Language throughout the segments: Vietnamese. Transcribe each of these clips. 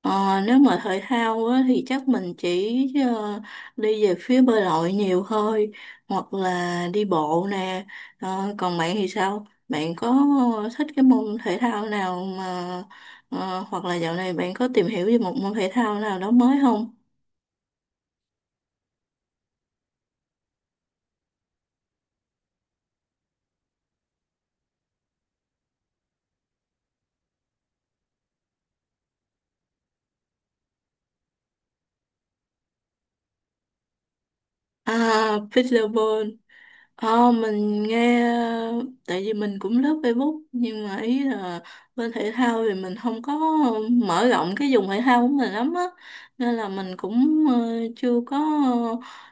Ờ, nếu mà thể thao á, thì chắc mình chỉ ờ, đi về phía bơi lội nhiều thôi, hoặc là đi bộ nè. Ờ, còn bạn thì sao, bạn có thích cái môn thể thao nào mà hoặc là dạo này bạn có tìm hiểu về một môn thể thao nào đó mới không? À, pickleball. Ờ, mình nghe, tại vì mình cũng lướt Facebook, nhưng mà ý là bên thể thao thì mình không có mở rộng cái vùng thể thao của mình lắm á, nên là mình cũng chưa có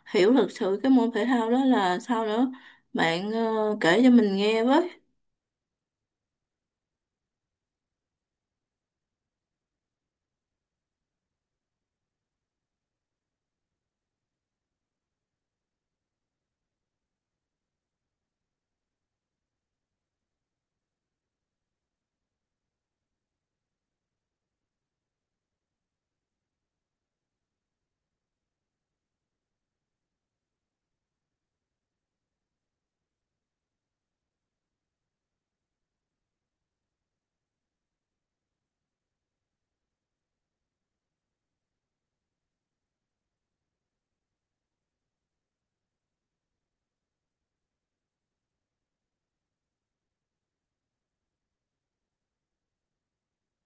hiểu thực sự cái môn thể thao đó là sao nữa. Bạn kể cho mình nghe với.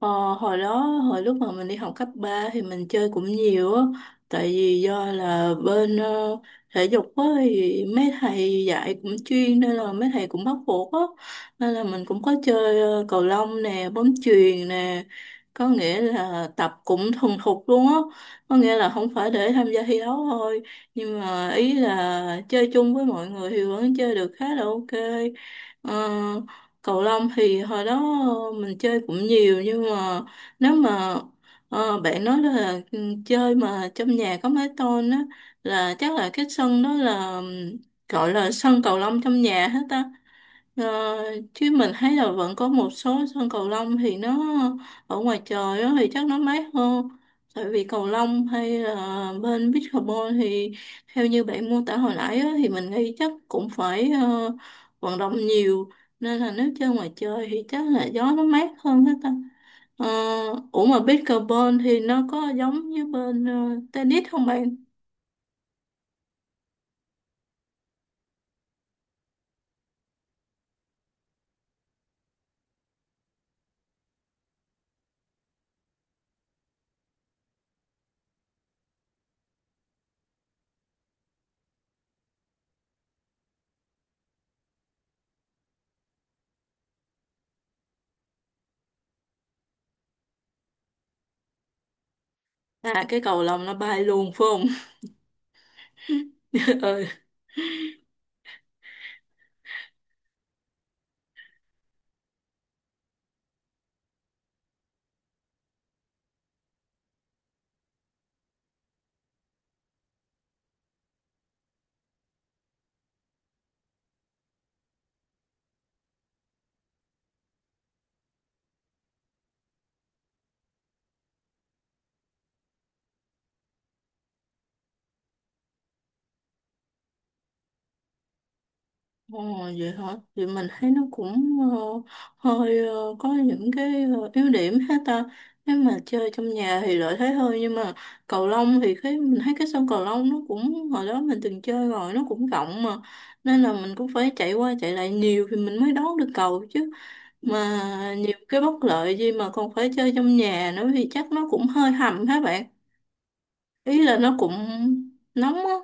Ờ, hồi đó, hồi lúc mà mình đi học cấp 3 thì mình chơi cũng nhiều á, tại vì do là bên thể dục á thì mấy thầy dạy cũng chuyên, nên là mấy thầy cũng bắt buộc á, nên là mình cũng có chơi cầu lông nè, bóng chuyền nè, có nghĩa là tập cũng thuần thục luôn á, có nghĩa là không phải để tham gia thi đấu thôi, nhưng mà ý là chơi chung với mọi người thì vẫn chơi được khá là ok. Ờ, cầu lông thì hồi đó mình chơi cũng nhiều, nhưng mà nếu mà bạn nói là ừ, chơi mà trong nhà có mái tôn á, là chắc là cái sân đó là gọi là sân cầu lông trong nhà hết á. Ờ, chứ mình thấy là vẫn có một số sân cầu lông thì nó ở ngoài trời á thì chắc nó mát hơn, tại vì cầu lông hay là bên pickleball thì theo như bạn mô tả hồi nãy á, thì mình nghĩ chắc cũng phải vận động nhiều, nên là nếu chơi ngoài trời thì chắc là gió nó mát hơn hết ta. Ờ, ủa mà pickleball thì nó có giống như bên tennis không bạn? À, cái cầu lông nó bay luôn phải không? Ừ. Ồ, vậy hả? Thì mình thấy nó cũng hơi có những cái yếu điểm hết ta. Nếu mà chơi trong nhà thì lợi thế hơn, nhưng mà cầu lông thì cái mình thấy cái sân cầu lông nó cũng, hồi đó mình từng chơi rồi, nó cũng rộng mà, nên là mình cũng phải chạy qua chạy lại nhiều thì mình mới đón được cầu chứ. Mà nhiều cái bất lợi gì mà còn phải chơi trong nhà nữa thì chắc nó cũng hơi hầm hả bạn. Ý là nó cũng nóng á.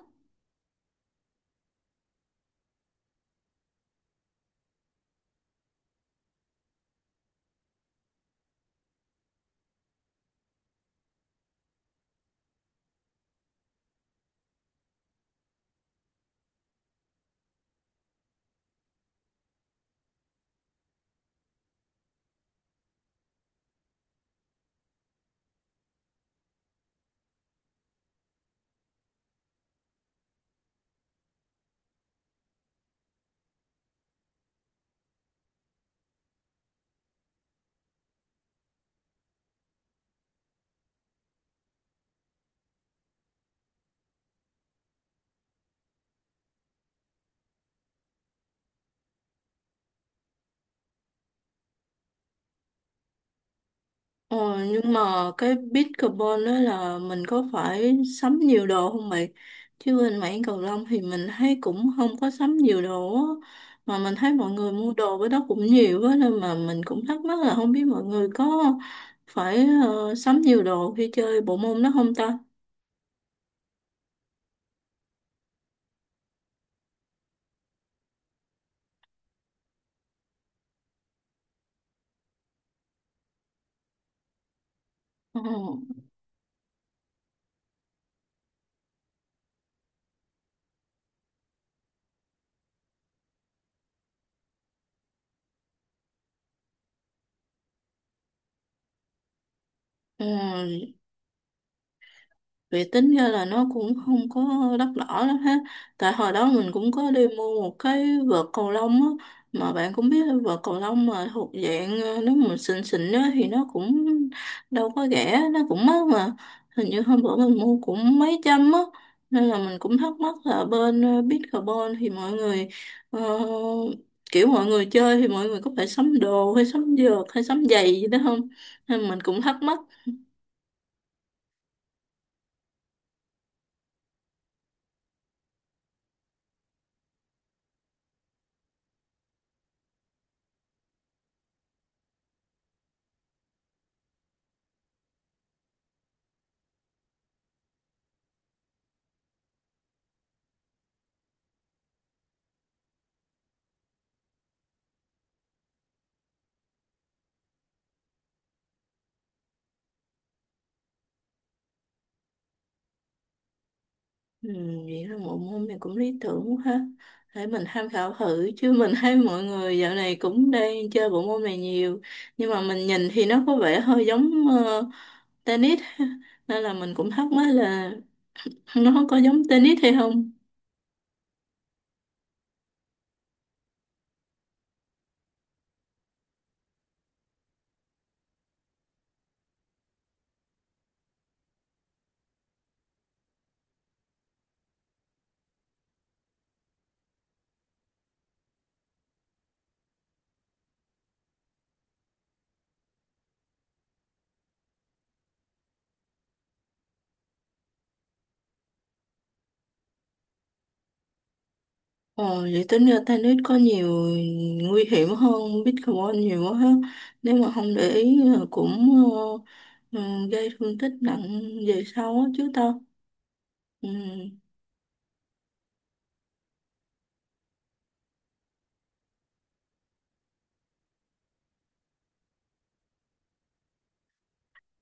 Ờ, nhưng mà cái pickleball đó là mình có phải sắm nhiều đồ không bạn? Chứ bên mảng cầu lông thì mình thấy cũng không có sắm nhiều đồ á, mà mình thấy mọi người mua đồ với đó cũng nhiều á, nên mà mình cũng thắc mắc là không biết mọi người có phải sắm nhiều đồ khi chơi bộ môn đó không ta. Ờ, ừ, vậy tính ra là nó cũng không có đắt đỏ lắm ha. Tại hồi đó mình cũng có đi mua một cái vợt cầu lông á. Mà bạn cũng biết là vợt cầu lông mà thuộc dạng nếu mình xịn xịn á thì nó cũng đâu có rẻ, nó cũng mắc mà. Hình như hôm bữa mình mua cũng mấy trăm á. Nên là mình cũng thắc mắc là bên Bitcarbon thì mọi người ờ, kiểu mọi người chơi thì mọi người có phải sắm đồ hay sắm vợt hay sắm giày gì đó không? Nên mình cũng thắc mắc. Ừ, vậy là bộ môn này cũng lý tưởng quá ha. Để mình tham khảo thử, chứ mình thấy mọi người dạo này cũng đang chơi bộ môn này nhiều. Nhưng mà mình nhìn thì nó có vẻ hơi giống tennis nên là mình cũng thắc mắc là nó có giống tennis hay không. Ồ, vậy tính ra tennis có nhiều nguy hiểm hơn pickleball nhiều quá ha. Nếu mà không để ý là cũng ờ, ừ, gây thương tích nặng về sau á chứ tao. Ừ.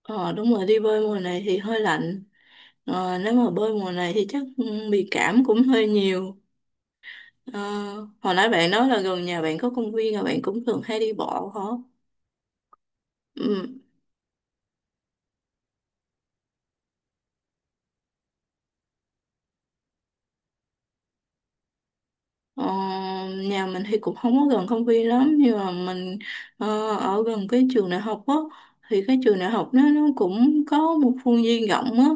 Ờ, đúng rồi, đi bơi mùa này thì hơi lạnh. Ờ, nếu mà bơi mùa này thì chắc bị cảm cũng hơi nhiều. Ờ, hồi nãy bạn nói là gần nhà bạn có công viên và bạn cũng thường hay đi bộ hả? Ừ. Ờ, nhà mình thì cũng không có gần công viên lắm, nhưng mà mình ờ, ở gần cái trường đại học á, thì cái trường đại học nó cũng có một khuôn viên rộng á,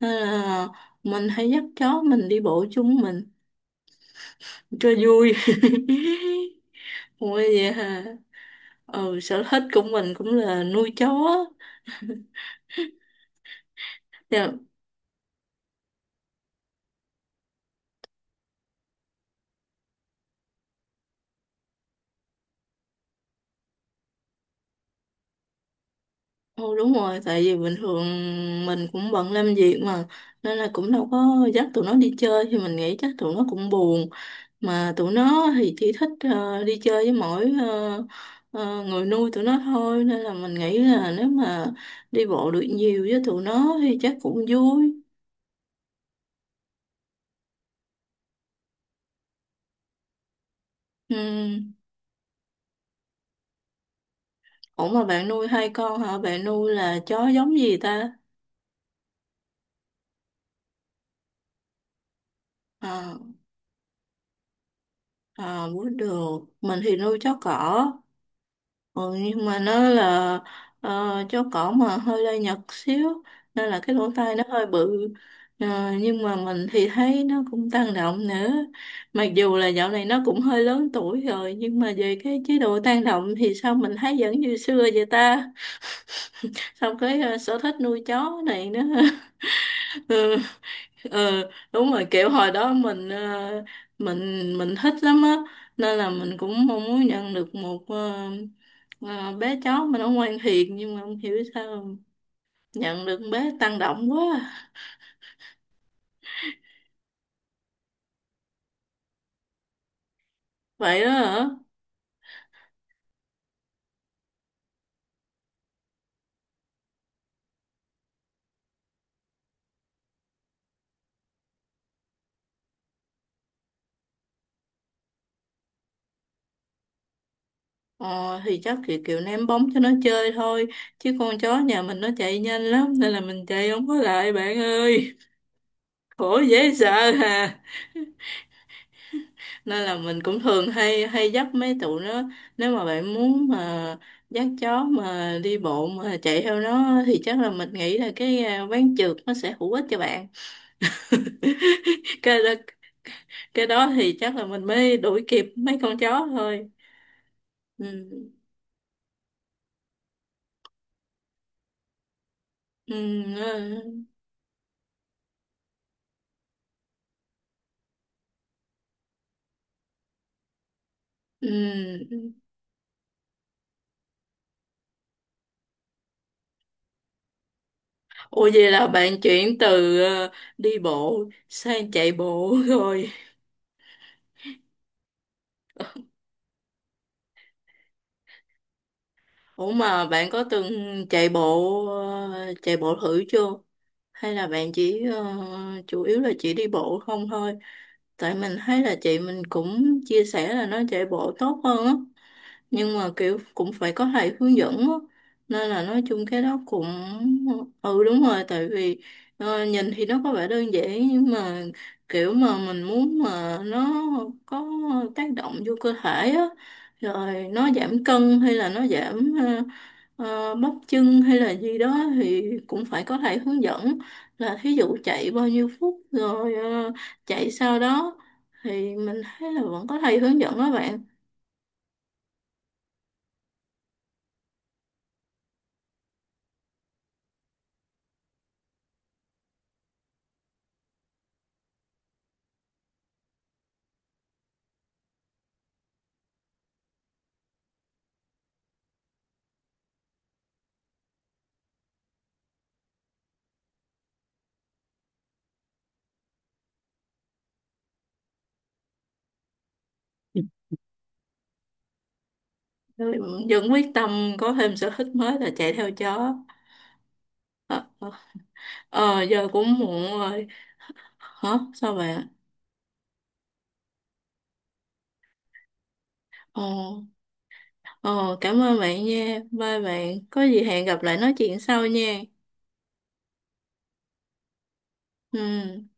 nên là mình hay dắt chó mình đi bộ chung mình cho vui Ủa vậy hả? Ừ, sở thích của mình cũng là nuôi chó. Dạ. Ừ, đúng rồi, tại vì bình thường mình cũng bận làm việc mà, nên là cũng đâu có dắt tụi nó đi chơi thì mình nghĩ chắc tụi nó cũng buồn. Mà tụi nó thì chỉ thích đi chơi với mỗi người nuôi tụi nó thôi, nên là mình nghĩ là nếu mà đi bộ được nhiều với tụi nó thì chắc cũng vui. Ừ. Ủa mà bạn nuôi hai con hả, bạn nuôi là chó giống gì ta? À, à, bú được mình thì nuôi chó cỏ. Ừ, nhưng mà nó là chó cỏ mà hơi lai Nhật xíu, nên là cái lỗ tai nó hơi bự. Ờ, nhưng mà mình thì thấy nó cũng tăng động nữa, mặc dù là dạo này nó cũng hơi lớn tuổi rồi, nhưng mà về cái chế độ tăng động thì sao mình thấy vẫn như xưa vậy ta. Xong cái sở thích nuôi chó này nữa ừ, đúng rồi, kiểu hồi đó mình mình thích lắm á, nên là mình cũng mong muốn nhận được một bé chó mà nó ngoan hiền, nhưng mà không hiểu sao nhận được bé tăng động quá à. Vậy đó hả? Ờ, thì chắc kiểu kiểu ném bóng cho nó chơi thôi, chứ con chó nhà mình nó chạy nhanh lắm, nên là mình chạy không có lại bạn ơi. Khổ dễ sợ hà. Nên là mình cũng thường hay hay dắt mấy tụi nó. Nếu mà bạn muốn mà dắt chó mà đi bộ mà chạy theo nó thì chắc là mình nghĩ là cái ván trượt nó sẽ hữu ích cho bạn cái đó, cái đó thì chắc là mình mới đuổi kịp mấy con chó thôi. Ừ. Ừ. Ờ. Ừ. Ủa vậy là bạn chuyển từ đi bộ sang chạy bộ rồi. Ủa mà bạn có từng chạy bộ, chạy bộ thử chưa? Hay là bạn chỉ chủ yếu là chỉ đi bộ không thôi? Tại mình thấy là chị mình cũng chia sẻ là nó chạy bộ tốt hơn á, nhưng mà kiểu cũng phải có thầy hướng dẫn á, nên là nói chung cái đó cũng ừ đúng rồi, tại vì nhìn thì nó có vẻ đơn giản, nhưng mà kiểu mà mình muốn mà nó có tác động vô cơ thể á, rồi nó giảm cân hay là nó giảm bắp chân hay là gì đó thì cũng phải có thầy hướng dẫn, là thí dụ chạy bao nhiêu phút, rồi chạy sau đó thì mình thấy là vẫn có thầy hướng dẫn đó bạn. Tôi vẫn quyết tâm có thêm sở thích mới là chạy theo chó. Ờ, giờ cũng muộn rồi. Hả? Sao bạn? Ờ, ờ, cảm ơn bạn nha. Bye bạn. Có gì hẹn gặp lại nói chuyện sau nha. Ừ.